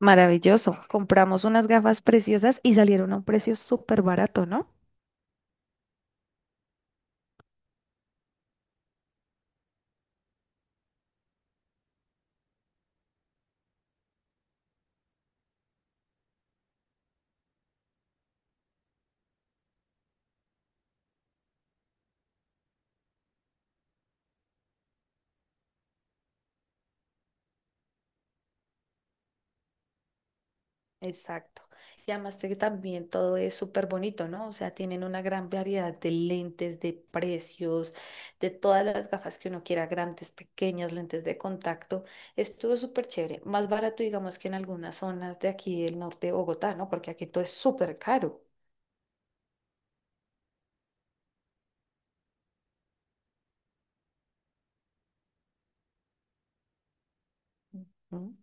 Maravilloso. Compramos unas gafas preciosas y salieron a un precio súper barato, ¿no? Exacto. Y además que también todo es súper bonito, ¿no? O sea, tienen una gran variedad de lentes, de precios, de todas las gafas que uno quiera, grandes, pequeñas, lentes de contacto. Estuvo súper chévere. Más barato, digamos, que en algunas zonas de aquí del norte de Bogotá, ¿no? Porque aquí todo es súper caro. ¿Mm?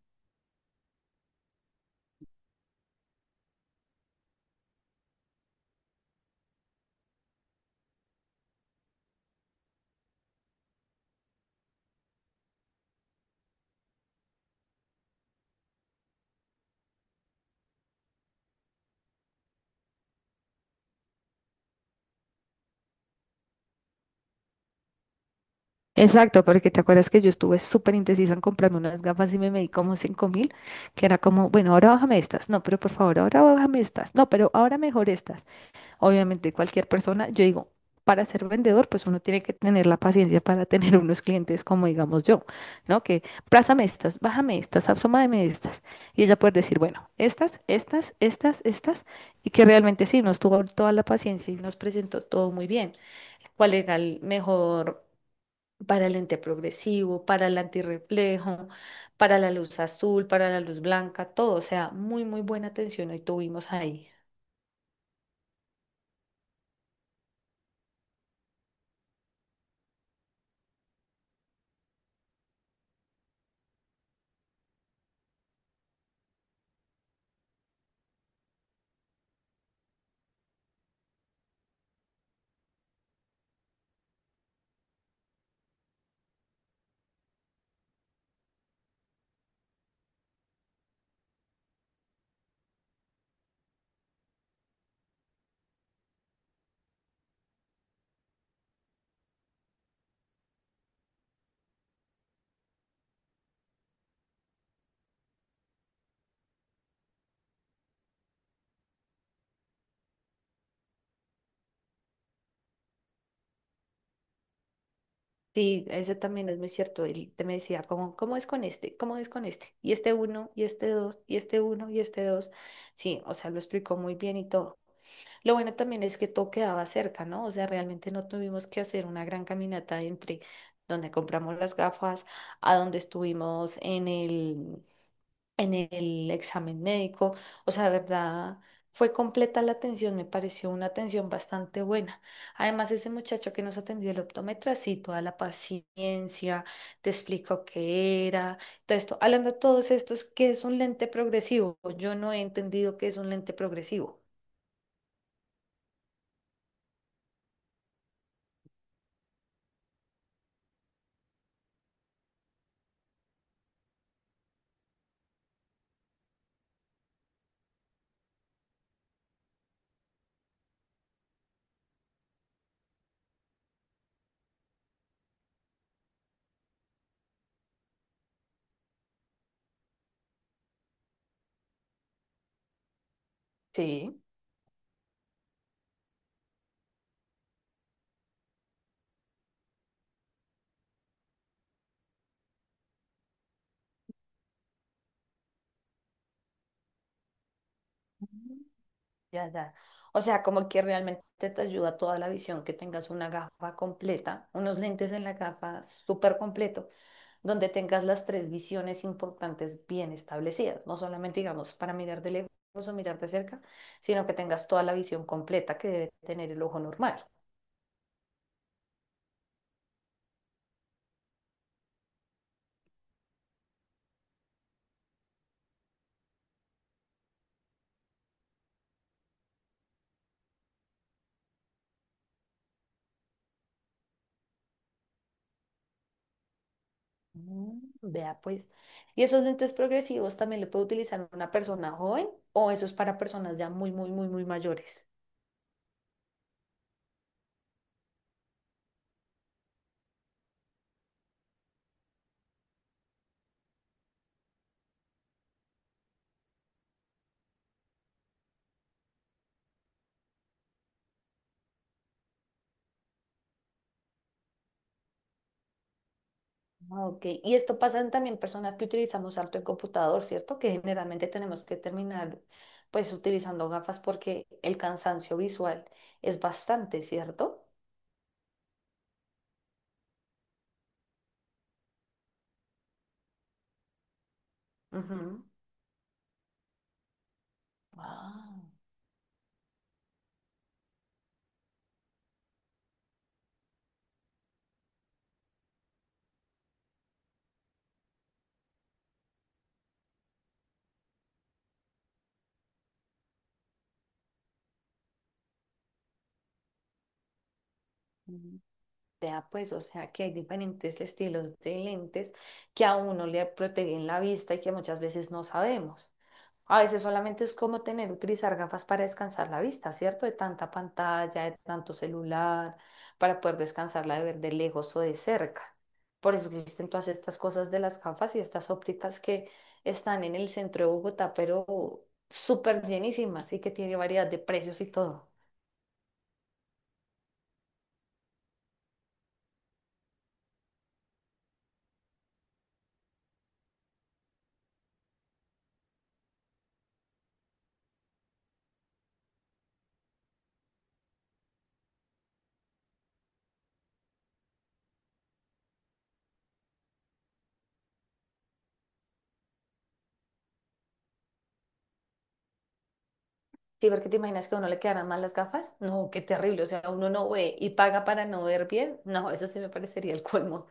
Exacto, porque te acuerdas que yo estuve súper indecisa en comprarme unas gafas y me medí como 5000, que era como, bueno, ahora bájame estas, no, pero por favor, ahora bájame estas, no, pero ahora mejor estas. Obviamente cualquier persona, yo digo, para ser vendedor, pues uno tiene que tener la paciencia para tener unos clientes como digamos yo, ¿no? Que prázame estas, bájame estas, absómame estas. Y ella puede decir, bueno, estas, estas, estas, estas, y que realmente sí, nos tuvo toda la paciencia y nos presentó todo muy bien. ¿Cuál era el mejor? Para el lente progresivo, para el antirreflejo, para la luz azul, para la luz blanca, todo. O sea, muy, muy buena atención hoy tuvimos ahí. Sí, ese también es muy cierto. Él te me decía, ¿Cómo es con este? ¿Cómo es con este? Y este uno, y este dos, y este uno, y este dos. Sí, o sea, lo explicó muy bien y todo. Lo bueno también es que todo quedaba cerca, ¿no? O sea, realmente no tuvimos que hacer una gran caminata entre donde compramos las gafas a donde estuvimos en el examen médico. O sea, de verdad, fue completa la atención, me pareció una atención bastante buena. Además, ese muchacho que nos atendió el optómetra, sí, toda la paciencia, te explicó qué era, todo esto. Hablando de todos estos, ¿qué es un lente progresivo? Yo no he entendido qué es un lente progresivo. Sí. Ya, ya. O sea, como que realmente te ayuda toda la visión, que tengas una gafa completa, unos lentes en la gafa súper completo, donde tengas las tres visiones importantes bien establecidas, no solamente digamos para mirar de lejos o mirar de cerca, sino que tengas toda la visión completa que debe tener el ojo normal. Mm, vea pues. ¿Y esos lentes progresivos también lo puede utilizar una persona joven o eso es para personas ya muy, muy, muy, muy mayores? Ah, ok, y esto pasa en también personas que utilizamos harto el computador, ¿cierto? Que generalmente tenemos que terminar pues utilizando gafas porque el cansancio visual es bastante, ¿cierto? Ujú. Ah. Mm. Vea pues, o sea que hay diferentes estilos de lentes que a uno le protegen la vista y que muchas veces no sabemos. A veces solamente es como tener, utilizar gafas para descansar la vista, ¿cierto? De tanta pantalla, de tanto celular, para poder descansarla de ver de lejos o de cerca. Por eso existen todas estas cosas de las gafas y estas ópticas que están en el centro de Bogotá, pero súper llenísimas y que tiene variedad de precios y todo. Sí, porque te imaginas que a uno le quedaran mal las gafas. No, qué terrible. O sea, uno no ve y paga para no ver bien. No, eso sí me parecería el colmo.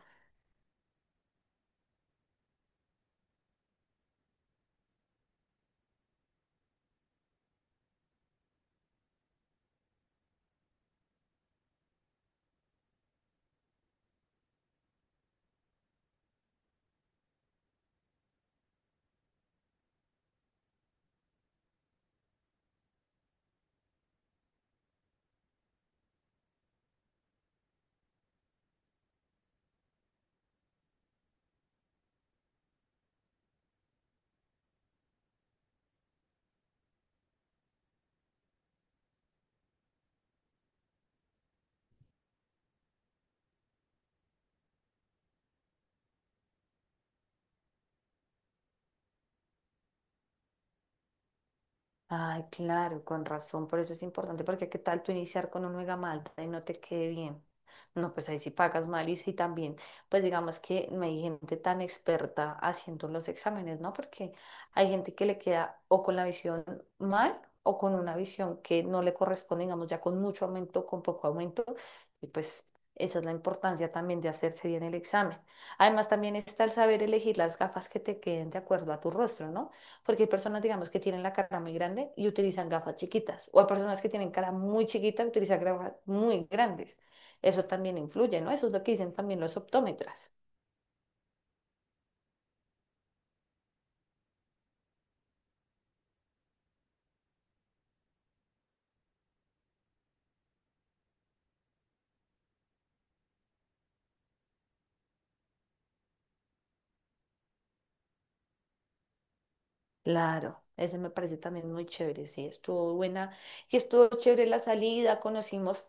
Ay, claro, con razón, por eso es importante, porque qué tal tú iniciar con un mega malta y no te quede bien. No, pues ahí sí pagas mal y sí también, pues digamos que no hay gente tan experta haciendo los exámenes, ¿no? Porque hay gente que le queda o con la visión mal o con una visión que no le corresponde, digamos, ya con mucho aumento, con poco aumento, y pues esa es la importancia también de hacerse bien el examen. Además, también está el saber elegir las gafas que te queden de acuerdo a tu rostro, ¿no? Porque hay personas, digamos, que tienen la cara muy grande y utilizan gafas chiquitas. O hay personas que tienen cara muy chiquita y utilizan gafas muy grandes. Eso también influye, ¿no? Eso es lo que dicen también los optómetras. Claro, ese me parece también muy chévere. Sí, estuvo buena. Y estuvo chévere la salida, conocimos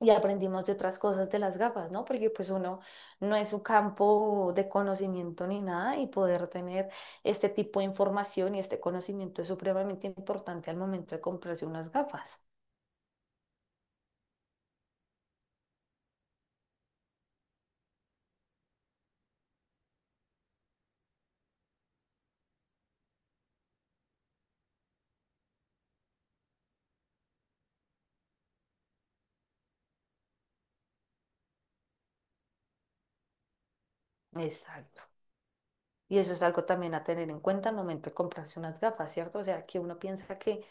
y aprendimos de otras cosas de las gafas, ¿no? Porque pues uno no es un campo de conocimiento ni nada y poder tener este tipo de información y este conocimiento es supremamente importante al momento de comprarse unas gafas. Exacto. Y eso es algo también a tener en cuenta al momento de comprarse unas gafas, ¿cierto? O sea, que uno piensa que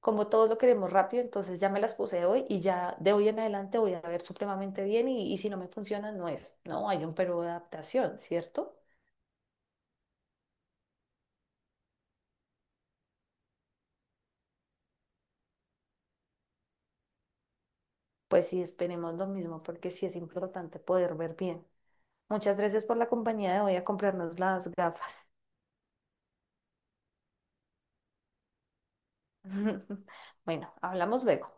como todos lo queremos rápido, entonces ya me las puse hoy y ya de hoy en adelante voy a ver supremamente bien y si no me funciona, no es. No, hay un periodo de adaptación, ¿cierto? Pues sí, esperemos lo mismo porque sí es importante poder ver bien. Muchas gracias por la compañía de hoy a comprarnos las gafas. Bueno, hablamos luego.